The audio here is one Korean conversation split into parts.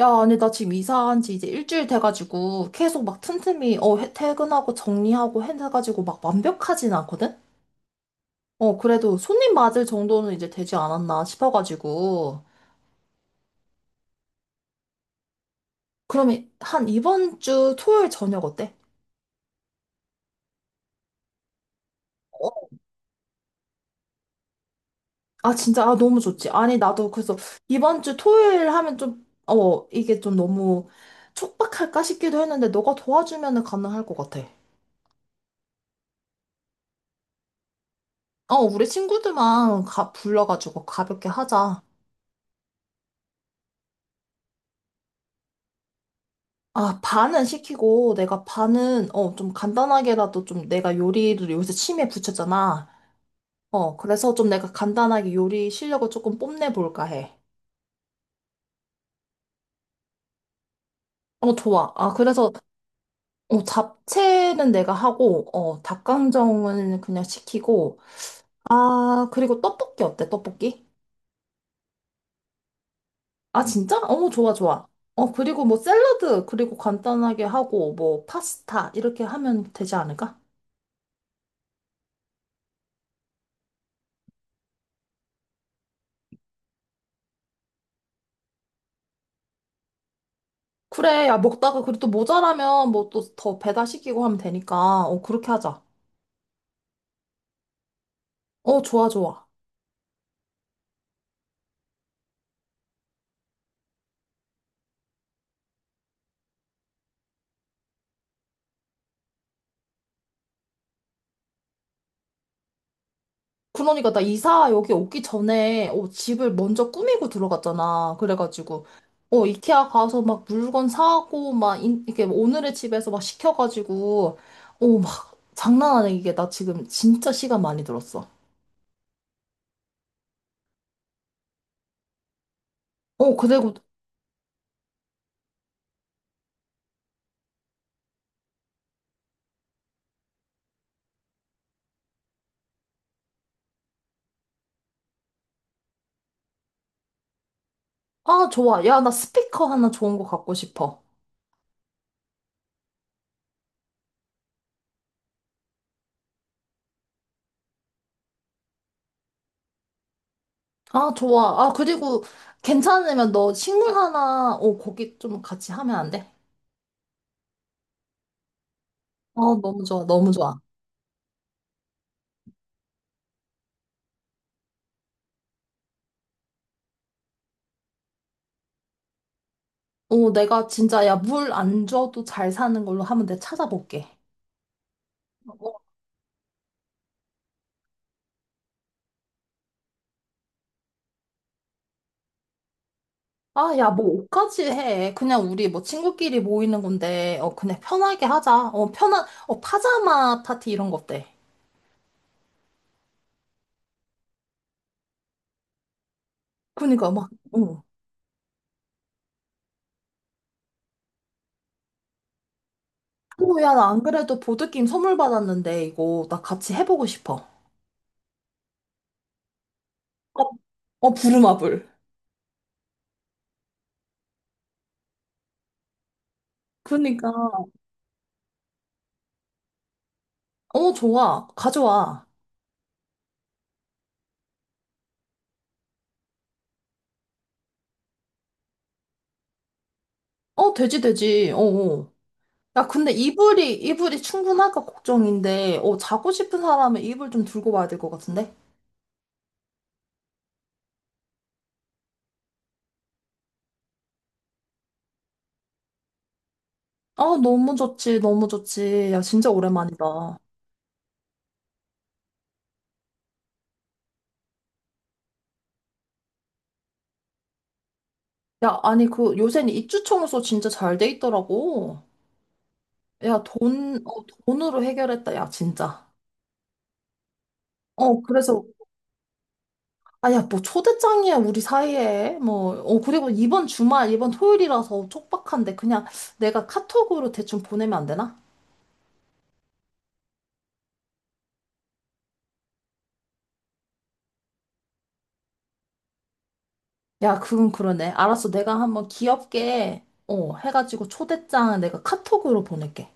야, 아니, 나 지금 이사한 지 이제 일주일 돼가지고 계속 막 틈틈이, 어, 퇴근하고 정리하고 해가지고 막 완벽하진 않거든? 어, 그래도 손님 맞을 정도는 이제 되지 않았나 싶어가지고. 그러면 한 이번 주 토요일 저녁 어때? 어? 아, 진짜, 아, 너무 좋지. 아니, 나도 그래서 이번 주 토요일 하면 좀, 어, 이게 좀 너무 촉박할까 싶기도 했는데 너가 도와주면 가능할 것 같아. 어, 우리 친구들만 불러가지고 가볍게 하자. 아, 반은 시키고, 내가 반은, 어, 좀 간단하게라도 좀 내가 요리를 요새 취미에 붙였잖아. 어, 그래서 좀 내가 간단하게 요리 실력을 조금 뽐내볼까 해. 어, 좋아. 아, 그래서, 어, 잡채는 내가 하고, 어, 닭강정은 그냥 시키고, 아, 그리고 떡볶이 어때, 떡볶이? 아, 진짜? 어, 좋아, 좋아. 어, 그리고 뭐 샐러드, 그리고 간단하게 하고, 뭐 파스타, 이렇게 하면 되지 않을까? 그래, 야, 먹다가 그래도 모자라면 뭐 또 더 배달시키고 하면 되니까. 어, 그렇게 하자. 어, 좋아, 좋아. 그러니까 나 이사 여기 오기 전에 어, 집을 먼저 꾸미고 들어갔잖아. 그래가지고 어, 이케아 가서 막 물건 사고 막 이게 오늘의 집에서 막 시켜가지고 어, 막 장난 아니게 이게 나 지금 진짜 시간 많이 들었어. 어, 그리고 아, 좋아. 야, 나 스피커 하나 좋은 거 갖고 싶어. 아, 좋아. 아, 그리고 괜찮으면 너 식물 하나, 어, 거기 좀 같이 하면 안 돼? 어, 너무 좋아, 너무 좋아. 어, 내가 진짜, 야, 물 안 줘도 잘 사는 걸로 한번 내가 찾아볼게. 어. 아, 야, 뭐 옷까지 해. 그냥 우리 뭐 친구끼리 모이는 건데, 어, 그냥 편하게 하자. 어, 편한, 어, 파자마 파티 이런 거 어때? 그니까 막, 어. 어, 야, 나 안 그래도 보드게임 선물 받았는데, 이거 나 같이 해보고 싶어. 어, 어, 부루마블. 그니까. 어, 좋아. 가져와. 어, 되지, 되지. 어, 어. 야, 근데 이불이 충분할까 걱정인데, 어, 자고 싶은 사람은 이불 좀 들고 와야 될 것 같은데? 아, 너무 좋지, 너무 좋지. 야, 진짜 오랜만이다. 야, 아니, 그, 요새는 입주 청소 진짜 잘 돼 있더라고. 야, 돈, 어, 돈으로 해결했다, 야, 진짜. 어, 그래서, 아, 야, 뭐, 초대장이야, 우리 사이에. 뭐, 어, 그리고 이번 주말, 이번 토요일이라서 촉박한데, 그냥 내가 카톡으로 대충 보내면 안 되나? 야, 그건 그러네. 알았어. 내가 한번 귀엽게, 어, 해가지고 초대장 내가 카톡으로 보낼게.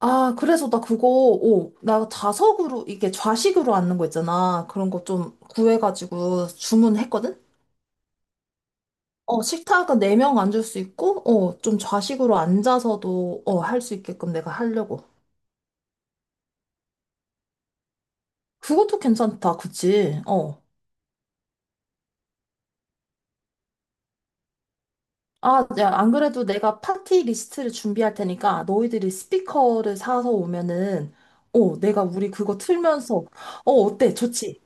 아, 그래서 나 그거, 오, 나 좌석으로, 이게 좌식으로 앉는 거 있잖아. 그런 거 좀 구해가지고 주문했거든? 어, 식탁은 4명 앉을 수 있고, 어, 좀 좌식으로 앉아서도, 어, 할 수 있게끔 내가 하려고. 그것도 괜찮다. 그치? 어. 아, 야, 안 그래도 내가 파티 리스트를 준비할 테니까 너희들이 스피커를 사서 오면은, 어, 내가 우리 그거 틀면서, 어, 어때? 좋지?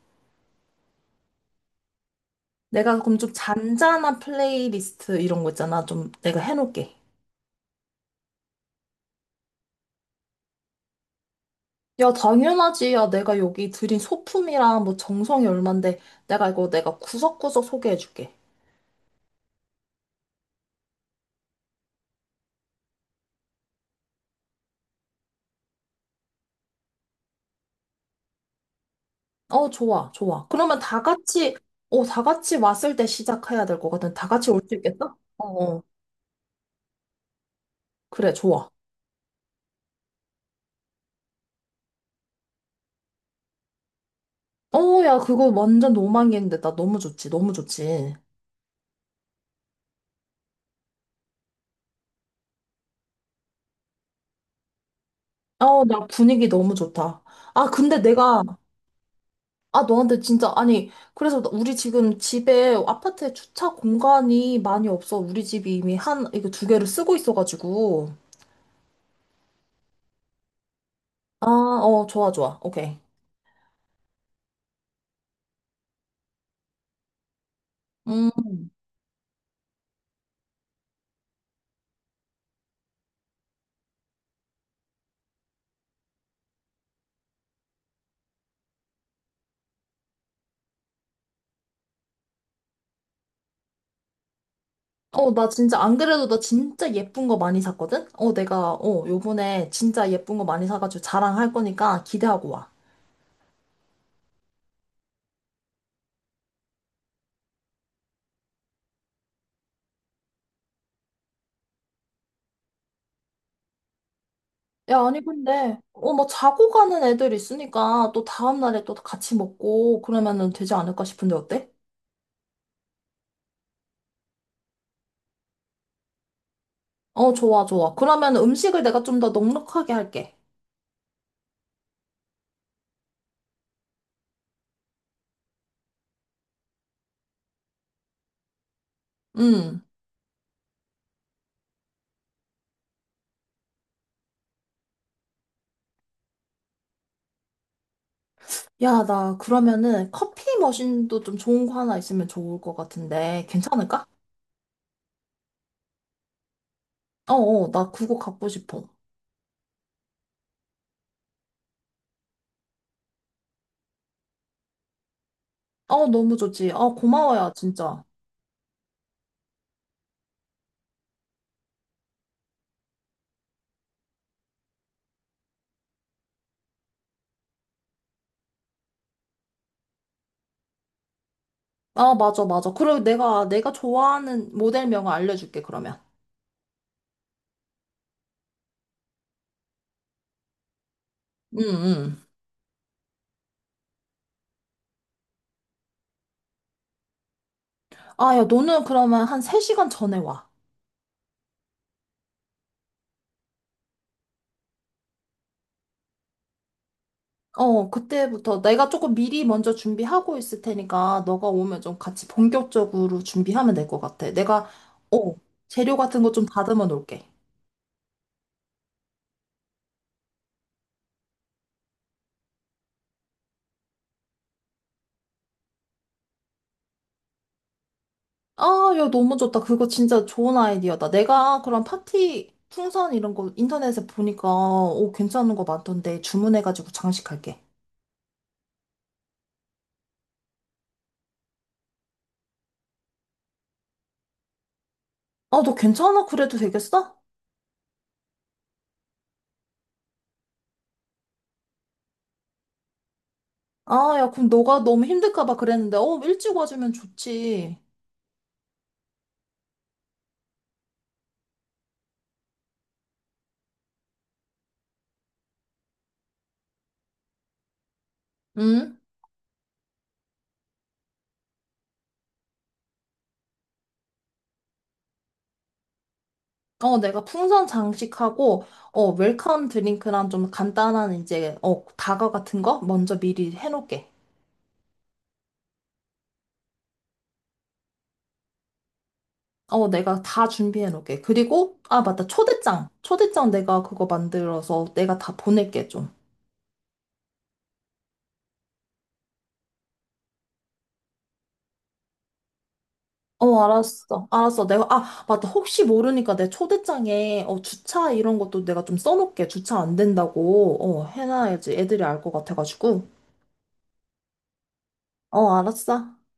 내가 그럼 좀 잔잔한 플레이리스트 이런 거 있잖아. 좀 내가 해놓을게. 야, 당연하지. 야, 내가 여기 들인 소품이랑 뭐 정성이 얼만데 내가 이거 내가 구석구석 소개해줄게. 어, 좋아, 좋아. 그러면 다 같이, 어, 다 같이 왔을 때 시작해야 될 거거든. 다 같이 올 수 있겠어? 어, 어. 그래, 좋아. 어, 야, 그거 완전 로망이었는데, 나 너무 좋지, 너무 좋지. 어, 나 분위기 너무 좋다. 아, 근데 내가, 아, 너한테 진짜, 아니, 그래서 우리 지금 집에, 아파트에 주차 공간이 많이 없어. 우리 집이 이미 한, 이거 두 개를 쓰고 있어가지고. 아, 어, 좋아, 좋아. 오케이. 음, 어, 나 진짜, 안 그래도 나 진짜 예쁜 거 많이 샀거든? 어, 내가, 어, 요번에 진짜 예쁜 거 많이 사가지고 자랑할 거니까 기대하고 와. 야, 아니, 근데, 어, 뭐, 자고 가는 애들 있으니까, 또 다음날에 또 같이 먹고, 그러면은 되지 않을까 싶은데, 어때? 어, 좋아, 좋아. 그러면 음식을 내가 좀 더 넉넉하게 할게. 음. 야, 나, 그러면은, 커피 머신도 좀 좋은 거 하나 있으면 좋을 것 같은데, 괜찮을까? 어, 어, 나 그거 갖고 싶어. 어, 너무 좋지. 아, 고마워, 야, 진짜. 아, 맞아, 맞아. 그리고 내가 좋아하는 모델명을 알려줄게, 그러면. 응, 응. 아, 야, 너는 그러면 한 3시간 전에 와. 어, 그때부터 내가 조금 미리 먼저 준비하고 있을 테니까 너가 오면 좀 같이 본격적으로 준비하면 될 것 같아. 내가, 어, 재료 같은 거 좀 다듬어 놓을게. 아, 야, 너무 좋다. 그거 진짜 좋은 아이디어다. 내가 그런 파티 풍선 이런 거 인터넷에 보니까, 오, 괜찮은 거 많던데 주문해가지고 장식할게. 아, 너 괜찮아? 그래도 되겠어? 아, 야, 그럼 너가 너무 힘들까 봐 그랬는데, 어, 일찍 와주면 좋지. 응? 어, 내가 풍선 장식하고, 어, 웰컴 드링크랑 좀 간단한 이제, 어, 다과 같은 거 먼저 미리 해놓을게. 어, 내가 다 준비해놓을게. 그리고, 아, 맞다. 초대장. 초대장 내가 그거 만들어서 내가 다 보낼게, 좀. 어, 알았어. 알았어. 내가, 아, 맞다. 혹시 모르니까 내 초대장에, 어, 주차 이런 것도 내가 좀 써놓을게. 주차 안 된다고, 어, 해놔야지. 애들이 알 것 같아가지고. 어, 알았어.